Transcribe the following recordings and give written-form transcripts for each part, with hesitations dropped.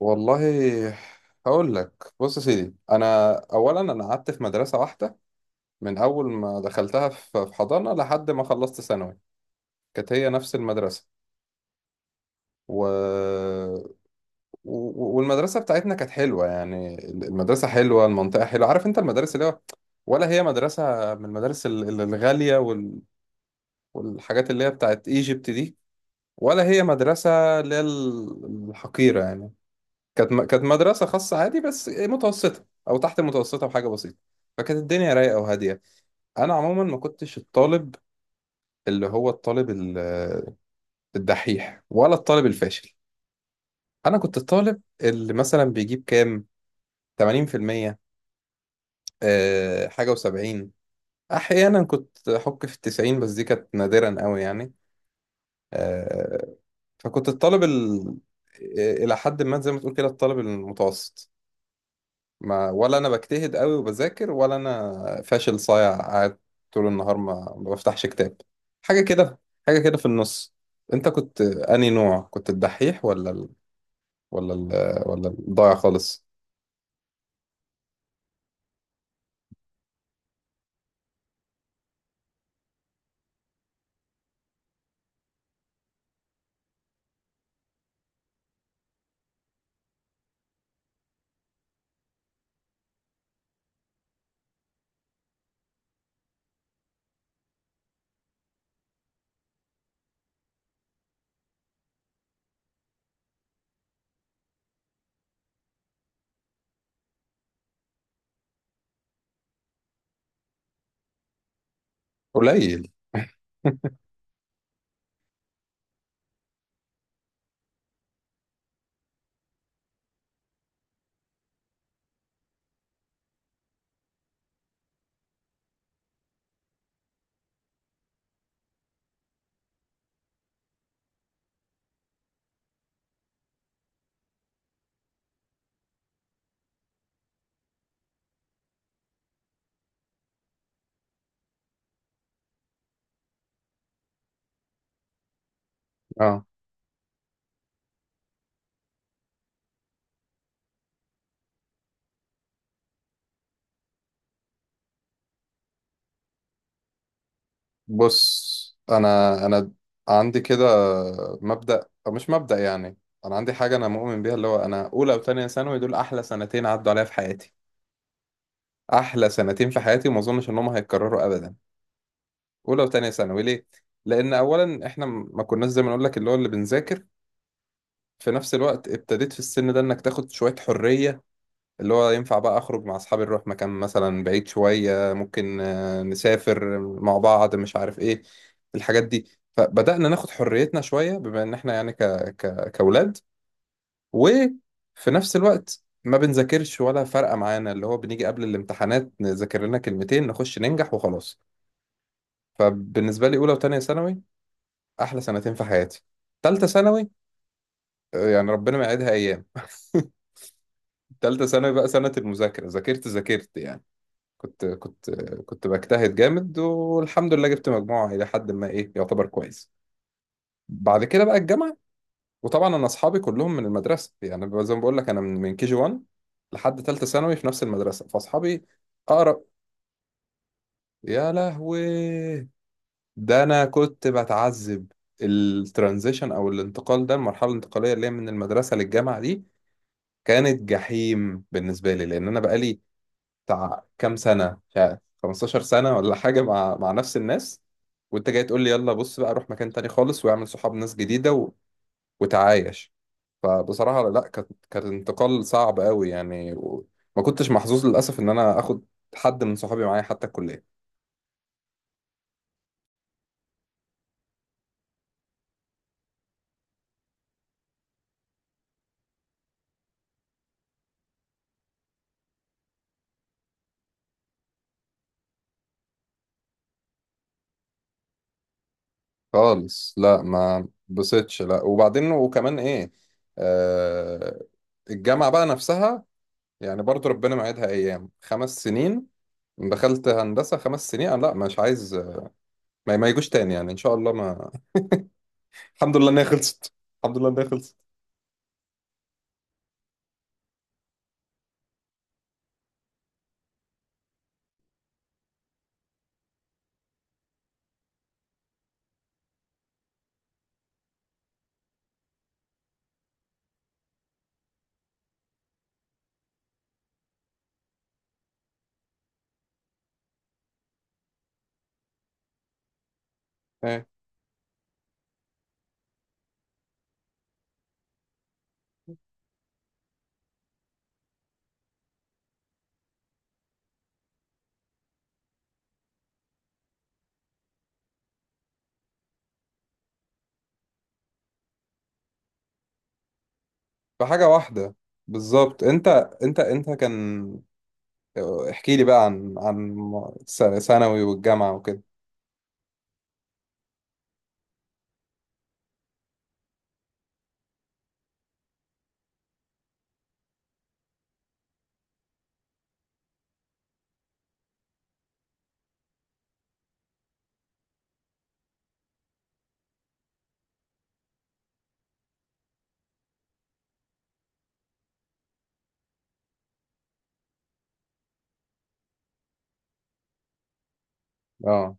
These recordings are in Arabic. والله هقول لك بص يا سيدي. انا اولا، قعدت في مدرسه واحده من اول ما دخلتها في حضانه لحد ما خلصت ثانوي. كانت هي نفس المدرسه. و... والمدرسه بتاعتنا كانت حلوه، يعني المدرسه حلوه، المنطقه حلوه. عارف انت المدارس اللي هو، ولا هي مدرسه من المدارس الغاليه والحاجات اللي هي بتاعت ايجيبت دي، ولا هي مدرسه اللي هي الحقيره يعني؟ كانت مدرسة خاصة عادي، بس متوسطة أو تحت المتوسطة بحاجة بسيطة. فكانت الدنيا رايقة وهادية. أنا عموما ما كنتش الطالب، اللي هو الطالب الدحيح ولا الطالب الفاشل. أنا كنت الطالب اللي مثلا بيجيب كام، 80%، حاجة و70. أحيانا كنت أحك في الـ90، بس دي كانت نادرا قوي يعني. آه، فكنت الطالب إلى حد ما، زي ما تقول كده، الطالب المتوسط. ما ولا انا بجتهد قوي وبذاكر، ولا انا فاشل صايع قاعد طول النهار ما بفتحش كتاب. حاجه كده، حاجه كده في النص. انت كنت انهي نوع؟ كنت الدحيح ولا ال... ولا الضايع خالص؟ قليل اه، بص، انا عندي كده مبدأ، او مش مبدأ يعني، انا عندي حاجه انا مؤمن بيها، اللي هو، انا اولى وتانية ثانوي دول احلى سنتين عدوا عليا في حياتي. احلى سنتين في حياتي، وما اظنش انهم هيتكرروا ابدا. اولى وتانية ثانوي ليه؟ لان اولا احنا ما كناش زي ما نقول لك اللي هو اللي بنذاكر. في نفس الوقت ابتديت في السن ده انك تاخد شوية حرية، اللي هو ينفع بقى اخرج مع اصحابي، نروح مكان مثلا بعيد شوية، ممكن نسافر مع بعض، مش عارف ايه الحاجات دي. فبدأنا ناخد حريتنا شوية، بما ان احنا يعني كأولاد. وفي نفس الوقت ما بنذاكرش ولا فارقة معانا، اللي هو بنيجي قبل الامتحانات نذاكر لنا كلمتين نخش ننجح وخلاص. فبالنسبة لي أولى وتانية ثانوي احلى سنتين في حياتي. تالتة ثانوي، يعني ربنا ما يعيدها ايام تالتة ثانوي بقى سنة المذاكرة، ذاكرت ذاكرت يعني، كنت كنت كنت بجتهد جامد. والحمد لله جبت مجموعة الى حد ما ايه، يعتبر كويس. بعد كده بقى الجامعة. وطبعا انا اصحابي كلهم من المدرسة، يعني بقى زي ما بقول لك انا من كي جي 1 لحد تالتة ثانوي في نفس المدرسة، فاصحابي اقرب. يا لهوي، ده انا كنت بتعذب. الترانزيشن او الانتقال ده، المرحله الانتقاليه اللي هي من المدرسه للجامعه دي، كانت جحيم بالنسبة لي. لأن أنا بقالي بتاع كام سنة، مش عارف 15 سنة ولا حاجة، مع نفس الناس، وأنت جاي تقول لي يلا بص بقى، روح مكان تاني خالص واعمل صحاب ناس جديدة وتعايش. فبصراحة لا، كانت انتقال صعب قوي يعني. وما كنتش محظوظ للأسف إن أنا آخد حد من صحابي معايا حتى الكلية. خالص لا، ما بصيتش لا. وبعدين وكمان إيه آه الجامعة بقى نفسها، يعني برضو ربنا معيدها أيام، 5 سنين. دخلت هندسة 5 سنين، أنا لا مش عايز. ما يجوش تاني يعني، إن شاء الله ما. الحمد لله إن هي خلصت، الحمد لله إن هي خلصت. إيه؟ فحاجة واحدة، بالظبط. أنت كان، احكي لي بقى عن عن ثانوي والجامعة وكده. أه،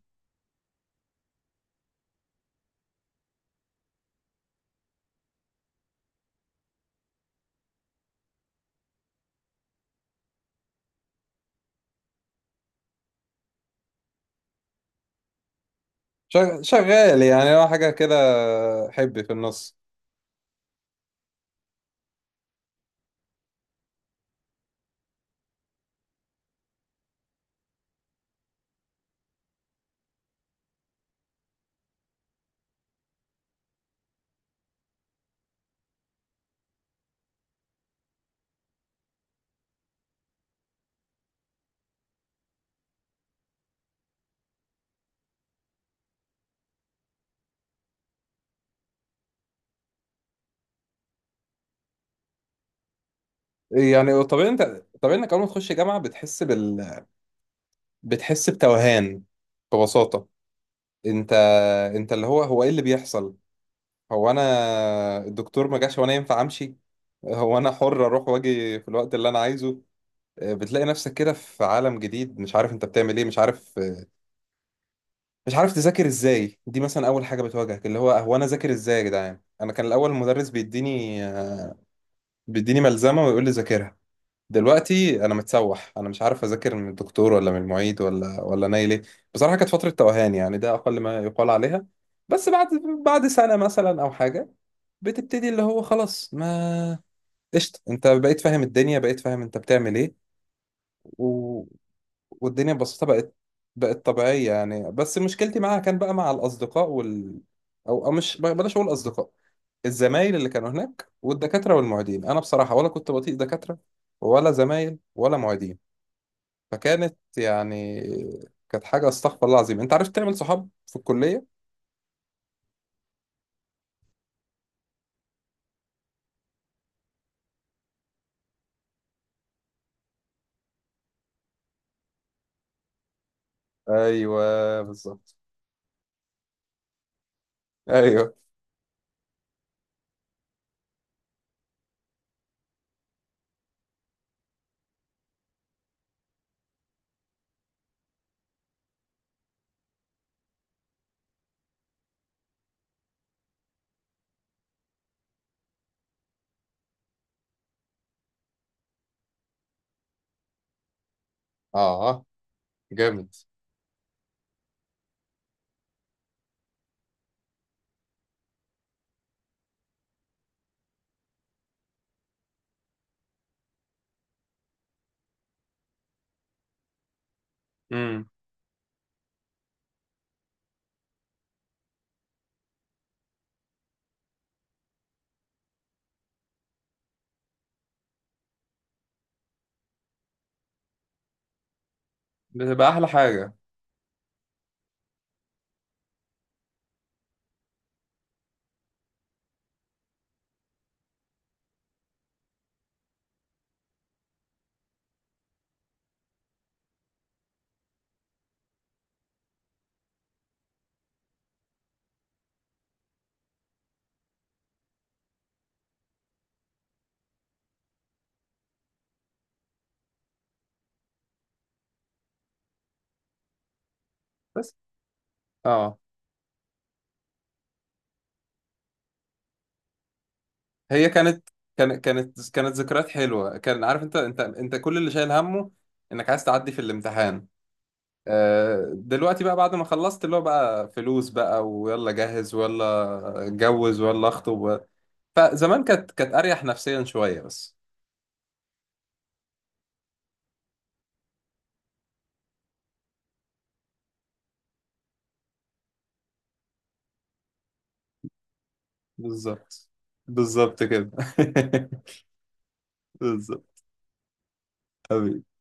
شغال يعني، هو حاجة كده، حب في النص. يعني طبيعي، أنت طبيعي إنك أول ما تخش جامعة بتحس بال، بتحس بتوهان، ببساطة. أنت أنت اللي هو إيه اللي بيحصل؟ هو انا الدكتور ما جاش وانا ينفع امشي؟ هو انا حر اروح واجي في الوقت اللي انا عايزه؟ بتلاقي نفسك كده في عالم جديد، مش عارف انت بتعمل ايه، مش عارف، مش عارف تذاكر ازاي. دي مثلا اول حاجه بتواجهك، اللي هو هو انا ذاكر ازاي يا جدعان؟ انا كان الاول المدرس بيديني ملزمه ويقول لي ذاكرها. دلوقتي انا متسوح، انا مش عارف اذاكر من الدكتور ولا من المعيد ولا نايل ايه. بصراحه كانت فتره توهان يعني، ده اقل ما يقال عليها. بس بعد، سنه مثلا او حاجه، بتبتدي اللي هو خلاص، ما، قشطة، انت بقيت فاهم الدنيا، بقيت فاهم انت بتعمل ايه. و... والدنيا ببساطة بقت طبيعية يعني. بس مشكلتي معاها كان بقى مع الأصدقاء وال، أو مش بلاش أقول أصدقاء، الزمايل اللي كانوا هناك والدكاترة والمعيدين. أنا بصراحة ولا كنت بطيق دكاترة ولا زمايل ولا معيدين. فكانت يعني، كانت حاجة استغفر الله العظيم. أنت عرفت تعمل صحاب في الكلية؟ ايوه بالظبط. ايوه. اه جامد. امم. بتبقى احلى حاجه. بس اه هي كانت ذكريات حلوه. كان عارف انت كل اللي شايل همه انك عايز تعدي في الامتحان. دلوقتي بقى بعد ما خلصت، اللي هو بقى فلوس بقى، ويلا جهز، ويلا اتجوز، ويلا اخطب. فزمان كانت اريح نفسيا شويه بس. بالظبط، بالظبط كده بالظبط حبيبي.